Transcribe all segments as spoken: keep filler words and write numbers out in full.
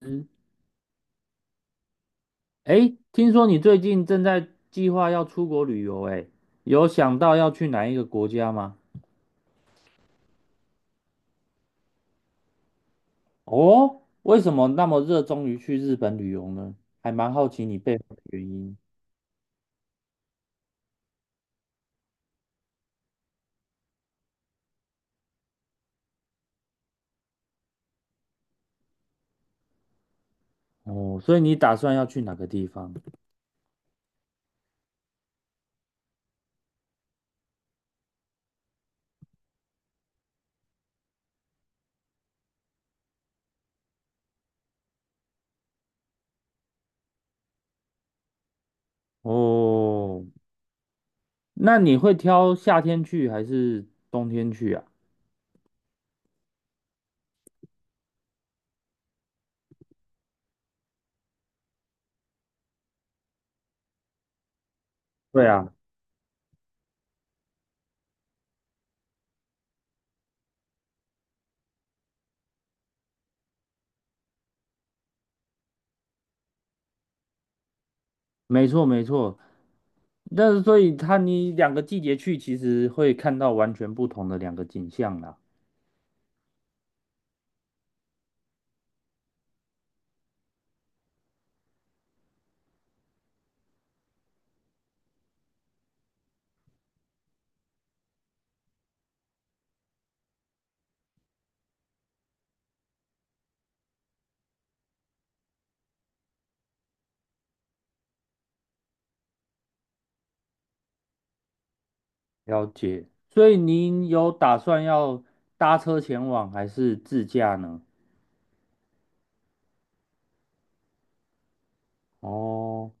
嗯，哎，听说你最近正在计划要出国旅游，哎，有想到要去哪一个国家吗？哦，为什么那么热衷于去日本旅游呢？还蛮好奇你背后的原因。哦，所以你打算要去哪个地方？哦，那你会挑夏天去还是冬天去啊？对啊。没错没错，但是所以它你两个季节去，其实会看到完全不同的两个景象啦。了解。所以您有打算要搭车前往还是自驾呢？哦，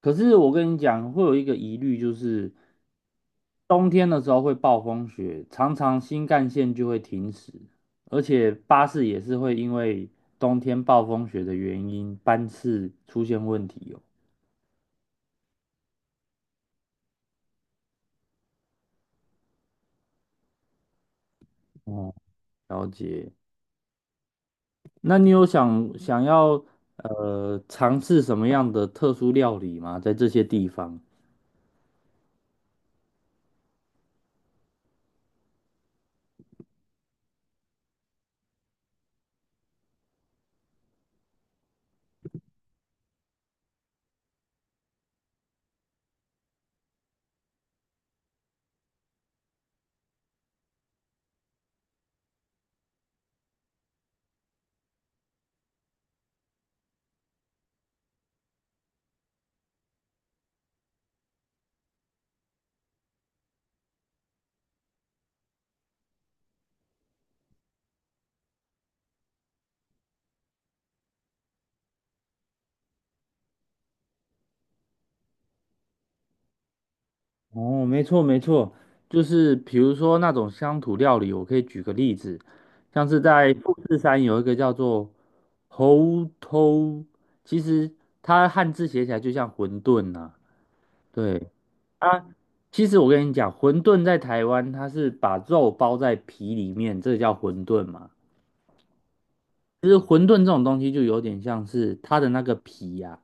可是我跟你讲，会有一个疑虑，就是冬天的时候会暴风雪，常常新干线就会停驶，而且巴士也是会因为冬天暴风雪的原因，班次出现问题哦。哦，了解。那你有想想要呃尝试什么样的特殊料理吗？在这些地方？哦，没错没错，就是比如说那种乡土料理，我可以举个例子，像是在富士山有一个叫做猴头，其实它汉字写起来就像馄饨呐、对啊，其实我跟你讲，馄饨在台湾它是把肉包在皮里面，这叫馄饨嘛。其实馄饨这种东西就有点像是它的那个皮呀、啊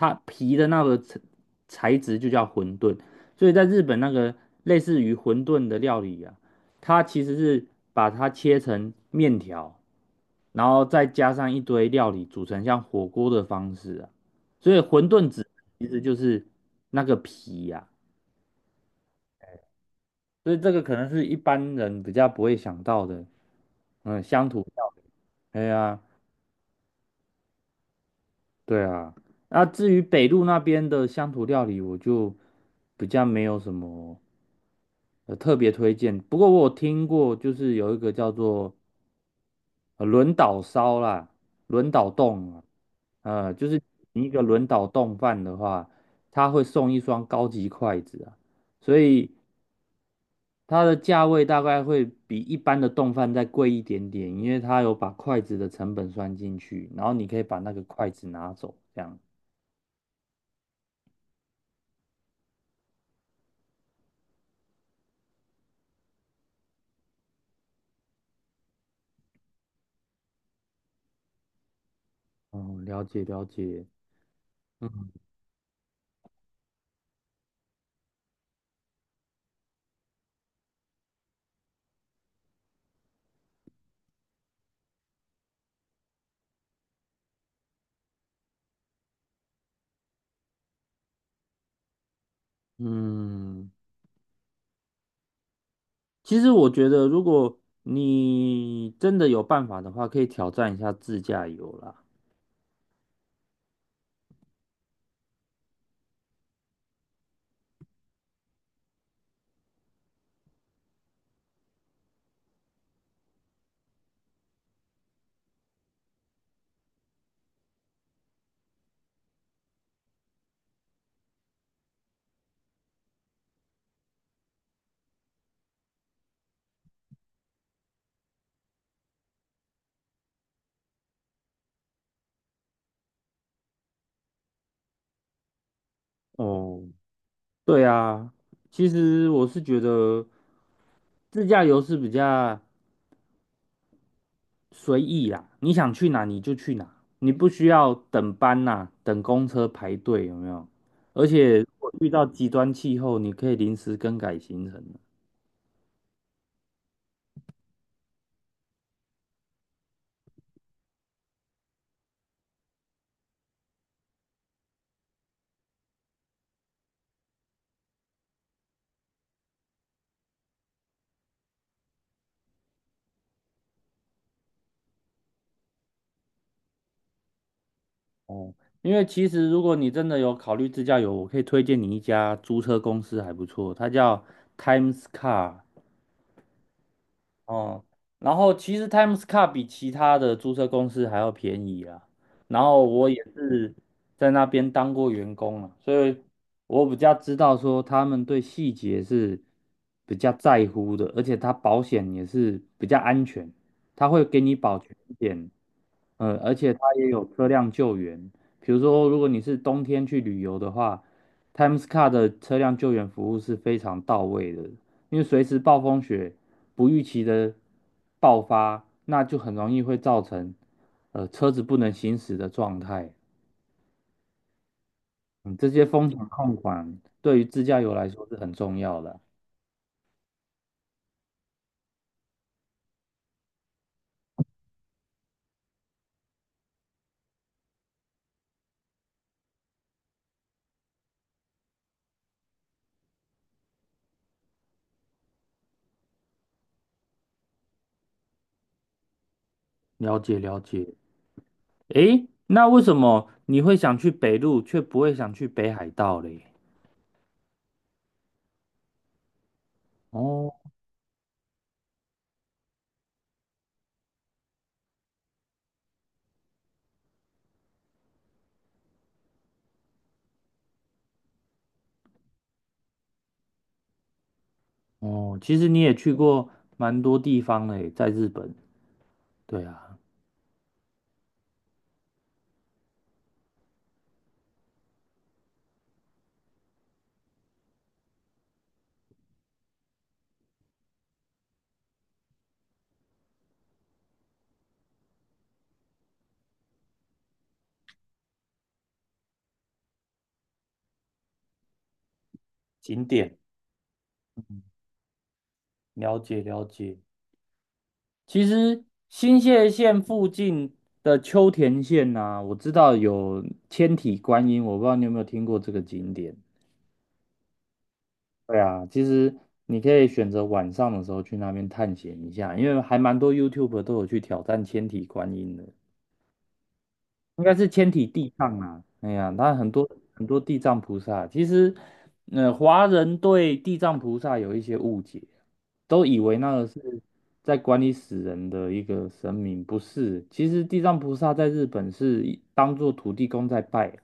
它皮的那个材材质就叫馄饨，所以在日本那个类似于馄饨的料理啊，它其实是把它切成面条，然后再加上一堆料理组成像火锅的方式啊，所以馄饨子其实就是那个皮呀、啊所以这个可能是一般人比较不会想到的，嗯，乡土料理，哎呀、对啊，那至于北路那边的乡土料理，我就比较没有什么呃特别推荐。不过我有听过，就是有一个叫做呃轮岛烧啦，轮岛冻啊，呃，就是你一个轮岛冻饭的话，它会送一双高级筷子啊，所以它的价位大概会比一般的冻饭再贵一点点，因为它有把筷子的成本算进去，然后你可以把那个筷子拿走，这样。哦，了解了解。嗯嗯，其实我觉得，如果你真的有办法的话，可以挑战一下自驾游啦。哦，对啊，其实我是觉得自驾游是比较随意啦，你想去哪你就去哪，你不需要等班呐、等公车排队，有没有？而且如果遇到极端气候，你可以临时更改行程。哦，因为其实如果你真的有考虑自驾游，我可以推荐你一家租车公司还不错，它叫 Times Car 哦。然后其实 Times Car 比其他的租车公司还要便宜啊。然后我也是在那边当过员工啊，所以我比较知道说他们对细节是比较在乎的，而且它保险也是比较安全，它会给你保全一点呃，而且它也有车辆救援，比如说如果你是冬天去旅游的话，Times Car 的车辆救援服务是非常到位的，因为随时暴风雪不预期的爆发，那就很容易会造成呃车子不能行驶的状态。嗯，这些风险控管对于自驾游来说是很重要的。了解了解。诶，那为什么你会想去北路，却不会想去北海道嘞？哦。哦，其实你也去过蛮多地方嘞，在日本。对啊，景点，了解了解。其实新泻县附近的秋田县呐、我知道有千体观音，我不知道你有没有听过这个景点。对啊，其实你可以选择晚上的时候去那边探险一下，因为还蛮多 YouTube 都有去挑战千体观音的。应该是千体地藏啊，哎呀，他很多很多地藏菩萨，其实，呃，华人对地藏菩萨有一些误解，都以为那个是在管理死人的一个神明，不是，其实地藏菩萨在日本是一当做土地公在拜。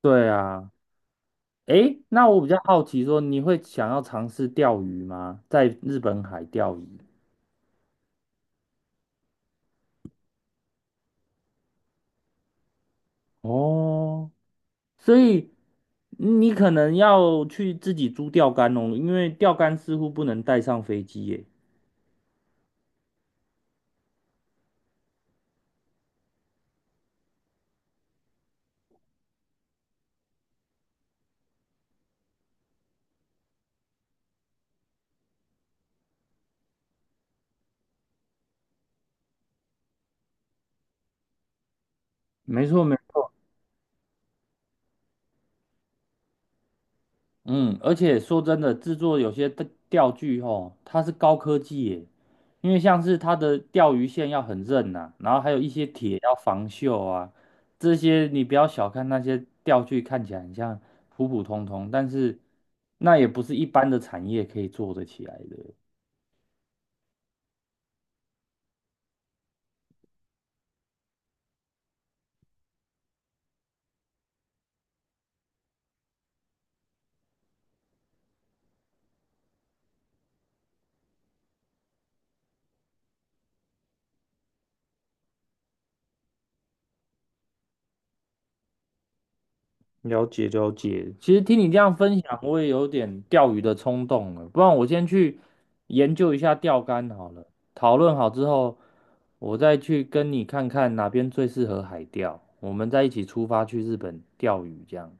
对啊，诶，那我比较好奇说，你会想要尝试钓鱼吗？在日本海钓鱼？哦，所以你可能要去自己租钓竿哦，因为钓竿似乎不能带上飞机耶。没错，没错。嗯，而且说真的，制作有些的钓具吼，它是高科技耶，因为像是它的钓鱼线要很韧呐、然后还有一些铁要防锈啊，这些你不要小看那些钓具，看起来很像普普通通，但是那也不是一般的产业可以做得起来的。了解了解，其实听你这样分享，我也有点钓鱼的冲动了。不然我先去研究一下钓竿好了。讨论好之后，我再去跟你看看哪边最适合海钓，我们再一起出发去日本钓鱼这样。